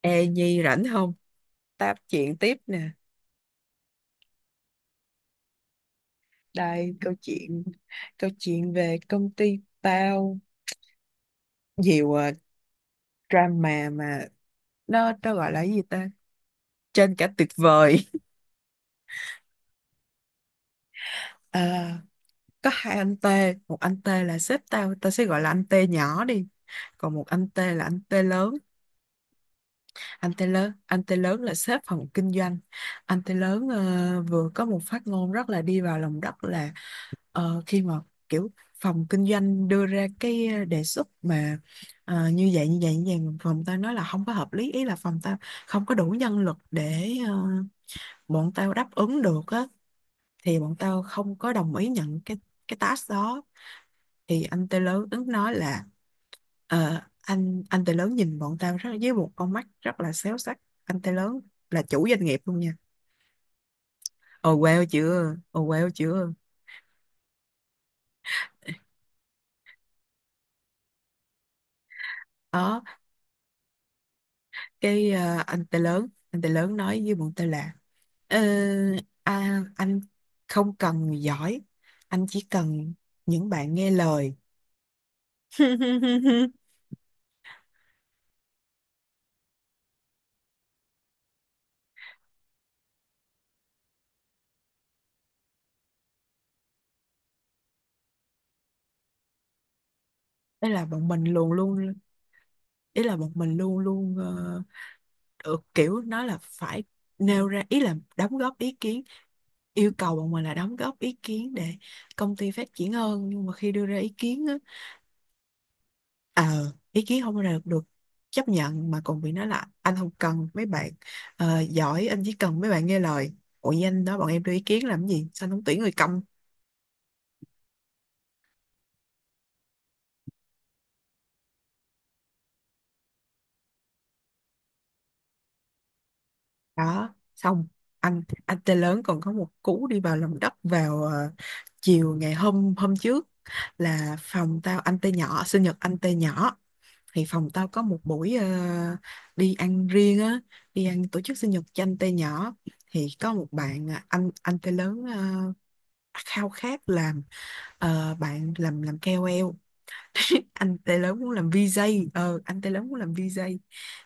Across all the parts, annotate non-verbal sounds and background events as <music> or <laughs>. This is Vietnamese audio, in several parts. Ê Nhi rảnh không? Tám chuyện tiếp nè. Đây câu chuyện về công ty tao, nhiều drama mà nó gọi là cái gì ta? Trên cả tuyệt vời. À, có hai anh T, một anh T là sếp tao, tao sẽ gọi là anh T nhỏ đi. Còn một anh T là anh T lớn, anh T lớn là sếp phòng kinh doanh. Anh T lớn vừa có một phát ngôn rất là đi vào lòng đất là. Ờ, khi mà kiểu phòng kinh doanh đưa ra cái đề xuất mà như vậy như vậy như vậy, mà phòng tao nói là không có hợp lý, ý là phòng tao không có đủ nhân lực để bọn tao đáp ứng được á, thì bọn tao không có đồng ý nhận cái task đó. Thì anh Tê lớn ứng nói là, ờ, anh Tê lớn nhìn bọn tao rất với một con mắt rất là xéo sắc. Anh Tê lớn là chủ doanh nghiệp luôn nha. Ồ wow chưa, ồ wow chưa. Đó, cái anh Tê lớn, anh Tê lớn nói với bọn tao là, ờ, à, anh không cần người giỏi, anh chỉ cần những bạn nghe lời. <laughs> Ý là bọn mình luôn luôn, ý là bọn mình luôn luôn được, kiểu nó là phải nêu ra, ý là đóng góp ý kiến, yêu cầu bọn mình là đóng góp ý kiến để công ty phát triển hơn. Nhưng mà khi đưa ra ý kiến, ờ ý kiến không được chấp nhận mà còn bị nói là anh không cần mấy bạn giỏi, anh chỉ cần mấy bạn nghe lời. Ủa, với anh đó bọn em đưa ý kiến làm gì, sao anh không tuyển người công. Đó, xong, anh tê lớn còn có một cú đi vào lòng đất vào chiều ngày hôm hôm trước, là phòng tao, anh tê nhỏ sinh nhật anh tê nhỏ, thì phòng tao có một buổi đi ăn riêng á, đi ăn tổ chức sinh nhật cho anh tê nhỏ. Thì có một bạn, à, anh tê lớn khao khát làm bạn làm KOL. <laughs> Anh Tê lớn muốn làm VJ, ờ, anh Tê lớn muốn làm VJ.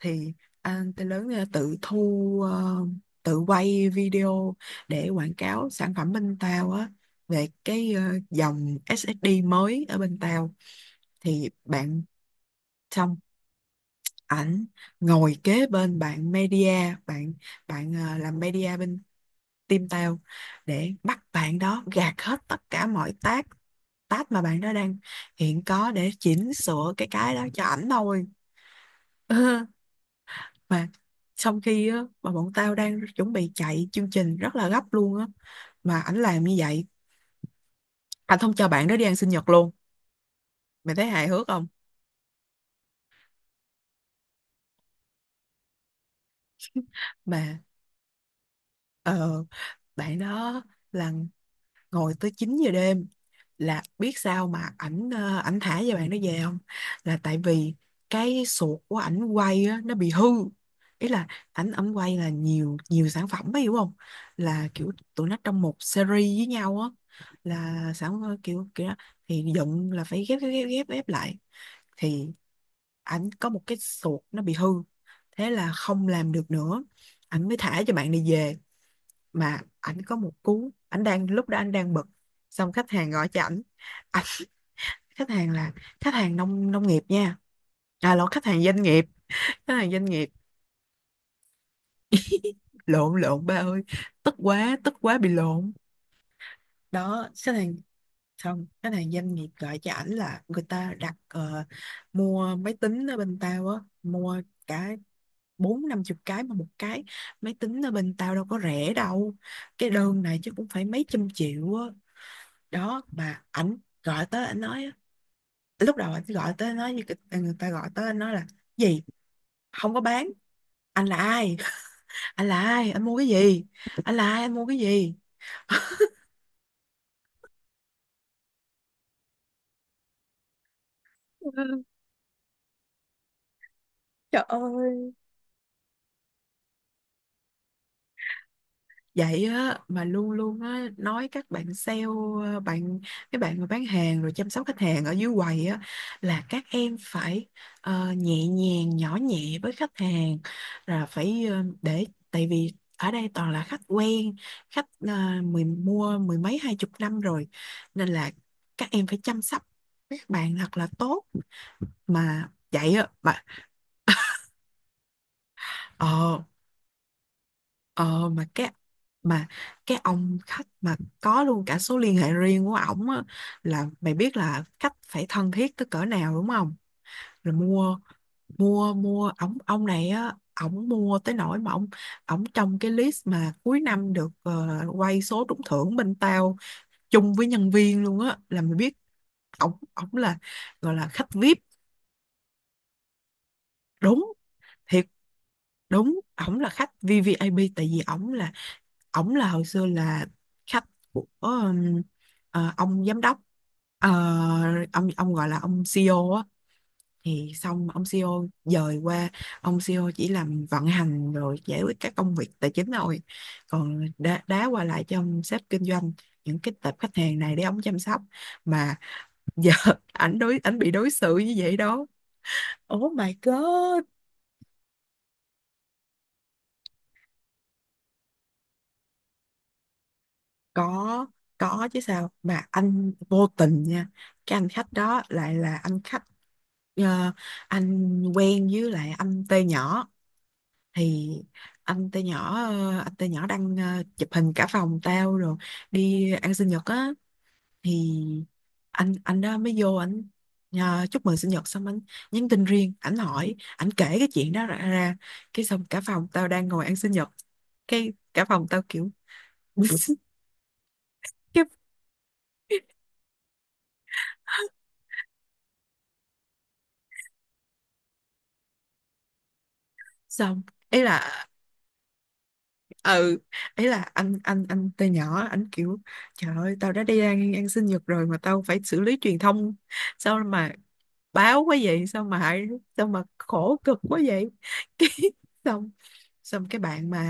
Thì anh Tê lớn tự thu, tự quay video để quảng cáo sản phẩm bên tao á, về cái dòng SSD mới ở bên tao. Thì bạn, xong ảnh ngồi kế bên bạn media, bạn bạn làm media bên team tao, để bắt bạn đó gạt hết tất cả mọi tác, tác mà bạn đó đang hiện có để chỉnh sửa cái đó cho ảnh thôi. <laughs> Mà trong khi á, mà bọn tao đang chuẩn bị chạy chương trình rất là gấp luôn á, mà ảnh làm như vậy, anh không cho bạn đó đi ăn sinh nhật luôn. Mày thấy hài hước không? Mà ờ, bạn đó là ngồi tới 9 giờ đêm, là biết sao mà ảnh thả cho bạn nó về không? Là tại vì cái sụt của ảnh quay á, nó bị hư. Ý là ảnh ảnh quay là nhiều, nhiều sản phẩm ấy, hiểu không? Là kiểu tụi nó trong một series với nhau á, là sản, kiểu kiểu đó. Thì dựng là phải ghép ghép ghép ghép ghép lại. Thì ảnh có một cái sụt nó bị hư, thế là không làm được nữa, ảnh mới thả cho bạn này về. Mà ảnh có một cú, ảnh đang lúc đó ảnh đang bực, xong khách hàng gọi cho ảnh. À, khách hàng là khách hàng nông nông nghiệp nha. À lộn, khách hàng doanh nghiệp, khách hàng doanh nghiệp. Lộn, lộn ba ơi, tức quá, tức quá bị lộn. Đó, khách hàng, xong khách hàng doanh nghiệp gọi cho ảnh, là người ta đặt, mua máy tính ở bên tao á, mua cả bốn năm chục cái, mà một cái máy tính ở bên tao đâu có rẻ đâu, cái đơn này chứ cũng phải mấy trăm triệu á. Đó, mà ảnh gọi tới ảnh nói, lúc đầu anh gọi tới nó như người ta gọi tới anh nói là gì, không có bán, anh là ai, anh là ai anh mua cái gì, anh là ai anh mua cái gì. Vậy á, mà luôn luôn á nói các bạn sale, ờ, bạn các bạn mà bán hàng rồi chăm sóc khách hàng ở dưới quầy á, là các em phải nhẹ nhàng nhỏ nhẹ với khách hàng, là phải ờ, để tại vì ở đây toàn là khách quen, khách mua mười mấy hai chục năm rồi, nên là các em phải chăm sóc các bạn thật là tốt. Mà vậy á. Mà ờ Ờ mà cái mà cái ông khách mà có luôn cả số liên hệ riêng của ổng á, là mày biết là khách phải thân thiết tới cỡ nào đúng không? Rồi mua, mua ổng, ông này á, ổng mua tới nỗi mà ổng ổng trong cái list mà cuối năm được quay số trúng thưởng bên tao chung với nhân viên luôn á, là mày biết ổng ổng là gọi là khách VIP. Đúng thiệt, đúng ổng là khách VVIP, tại vì ổng là, ổng là hồi xưa là khách của ông giám đốc. Ờ, ông gọi là ông CEO á. Thì xong ông CEO dời qua, ông CEO chỉ làm vận hành rồi giải quyết các công việc tài chính thôi, còn đá, đá qua lại cho ông sếp kinh doanh những cái tệp khách hàng này để ông chăm sóc. Mà giờ <laughs> ảnh bị đối xử như vậy đó, oh my god. có có chứ sao, mà anh vô tình nha. Cái anh khách đó lại là anh khách ờ, anh quen với lại anh T nhỏ. Thì anh T nhỏ đang chụp hình cả phòng tao rồi đi ăn sinh nhật á. Thì anh đó mới vô, chúc mừng sinh nhật, xong anh nhắn tin riêng ảnh, hỏi ảnh kể cái chuyện đó ra, ra. Cái xong cả phòng tao đang ngồi ăn sinh nhật, cái cả phòng tao kiểu <laughs> cái xong ý là ừ, ấy là anh từ nhỏ anh kiểu, trời ơi tao đã đi ăn, ăn sinh nhật rồi mà tao phải xử lý truyền thông, sao mà báo quá vậy, sao mà hại, sao mà khổ cực quá vậy. <laughs> Cái xong, cái bạn mà,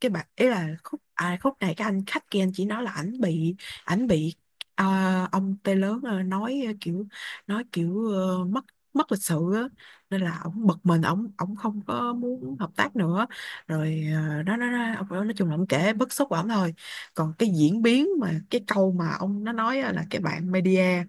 cái bạn ý là khúc, à, khúc này cái anh khách kia anh chỉ nói là ảnh bị ờ, ông tê lớn nói kiểu nói kiểu mất, mất lịch sự á, nên là ổng bực mình, ổng ổng không có muốn hợp tác nữa rồi. Ờ, đó, đó ông nói chung là ông kể bức xúc của ổng thôi, còn cái diễn biến mà cái câu mà ông nó nói á là cái bạn media,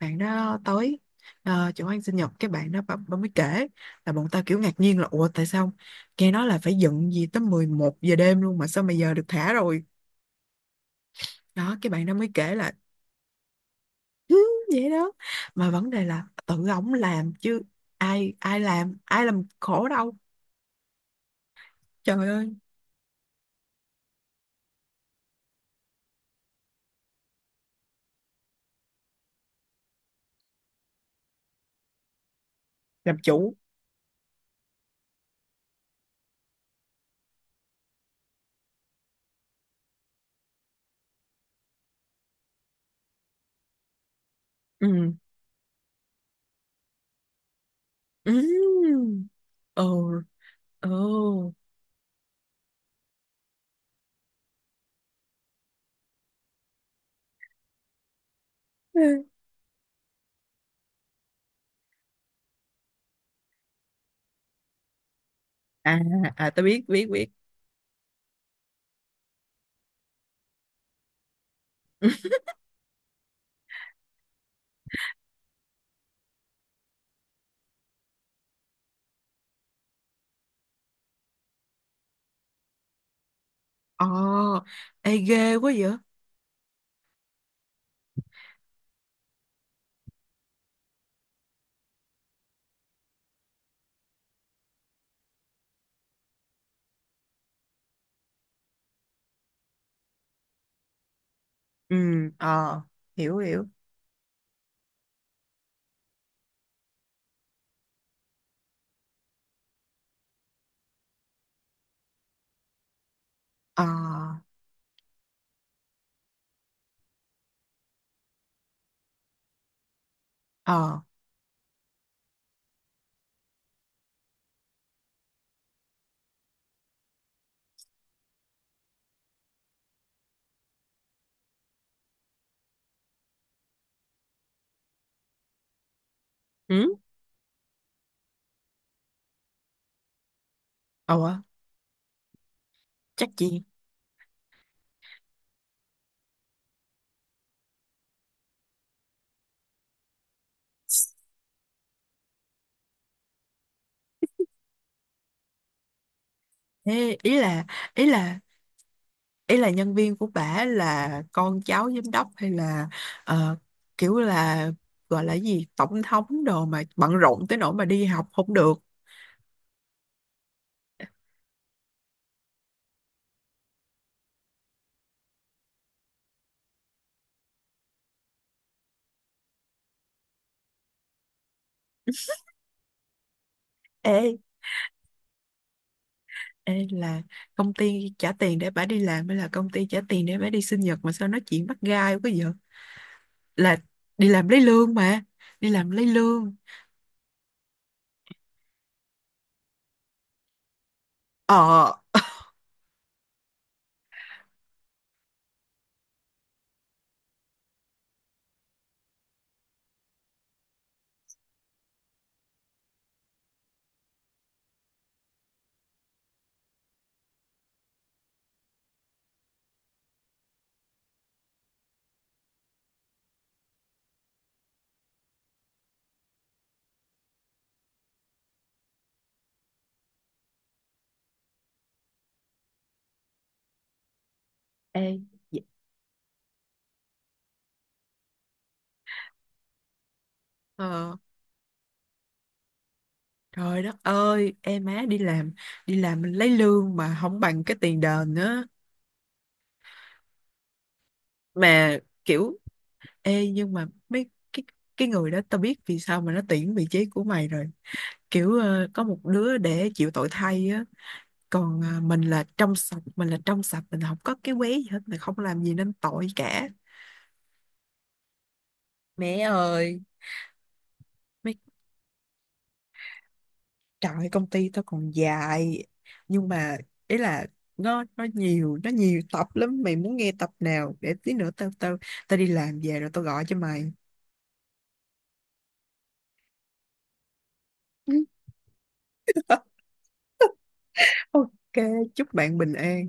bạn đó tới chỗ ăn sinh nhật, cái bạn đó, bà mới kể, là bọn tao kiểu ngạc nhiên là ủa tại sao, nghe nói là phải dựng gì tới 11 giờ đêm luôn mà sao mà giờ được thả rồi? Đó, cái bạn đó mới kể là "Ừ, vậy đó." Mà vấn đề là tự ổng làm chứ, ai, ai làm khổ đâu. Trời ơi, làm chủ. Ừ ừ ừ ừ. À, à tao biết, biết. <laughs> Ờ, ê ghê quá vậy. Ừ, ờ, hiểu, hiểu. ờ ờ ừ ờ chắc gì. Thế ý là, ý là ý là nhân viên của bả là con cháu giám đốc, hay là ờ, kiểu là gọi là gì tổng thống đồ, mà bận rộn tới nỗi mà đi học không được? Ê, ê là công ty trả tiền để bả đi làm hay là công ty trả tiền để bả đi sinh nhật mà sao nói chuyện bắt gai quá vậy, là đi làm lấy lương mà, đi làm lấy lương. ờ Ê, dạ. Ờ. Trời đất ơi, em má đi làm mình lấy lương mà không bằng cái tiền đền nữa. Mà kiểu, ê nhưng mà mấy cái người đó tao biết vì sao mà nó tuyển vị trí của mày rồi. Kiểu có một đứa để chịu tội thay á, còn mình là trong sạch, mình là trong sạch, mình không có cái quế gì hết, mình không làm gì nên tội cả. Mẹ ơi, mấy trời ơi, công ty tao còn dài, nhưng mà ý là nó nhiều, nó nhiều tập lắm, mày muốn nghe tập nào để tí nữa tao tao tao đi làm về rồi tao gọi cho mày. <laughs> Ok, chúc bạn bình an,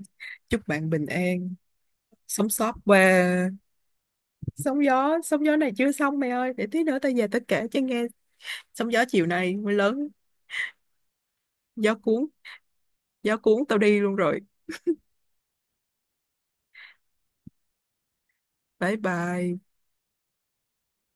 chúc bạn bình an. Sống sót qua sóng gió, sóng gió này chưa xong mày ơi, để tí nữa tao về tao kể cho nghe, sóng gió chiều nay mới lớn, gió cuốn, gió cuốn tao đi luôn rồi. Bye bye.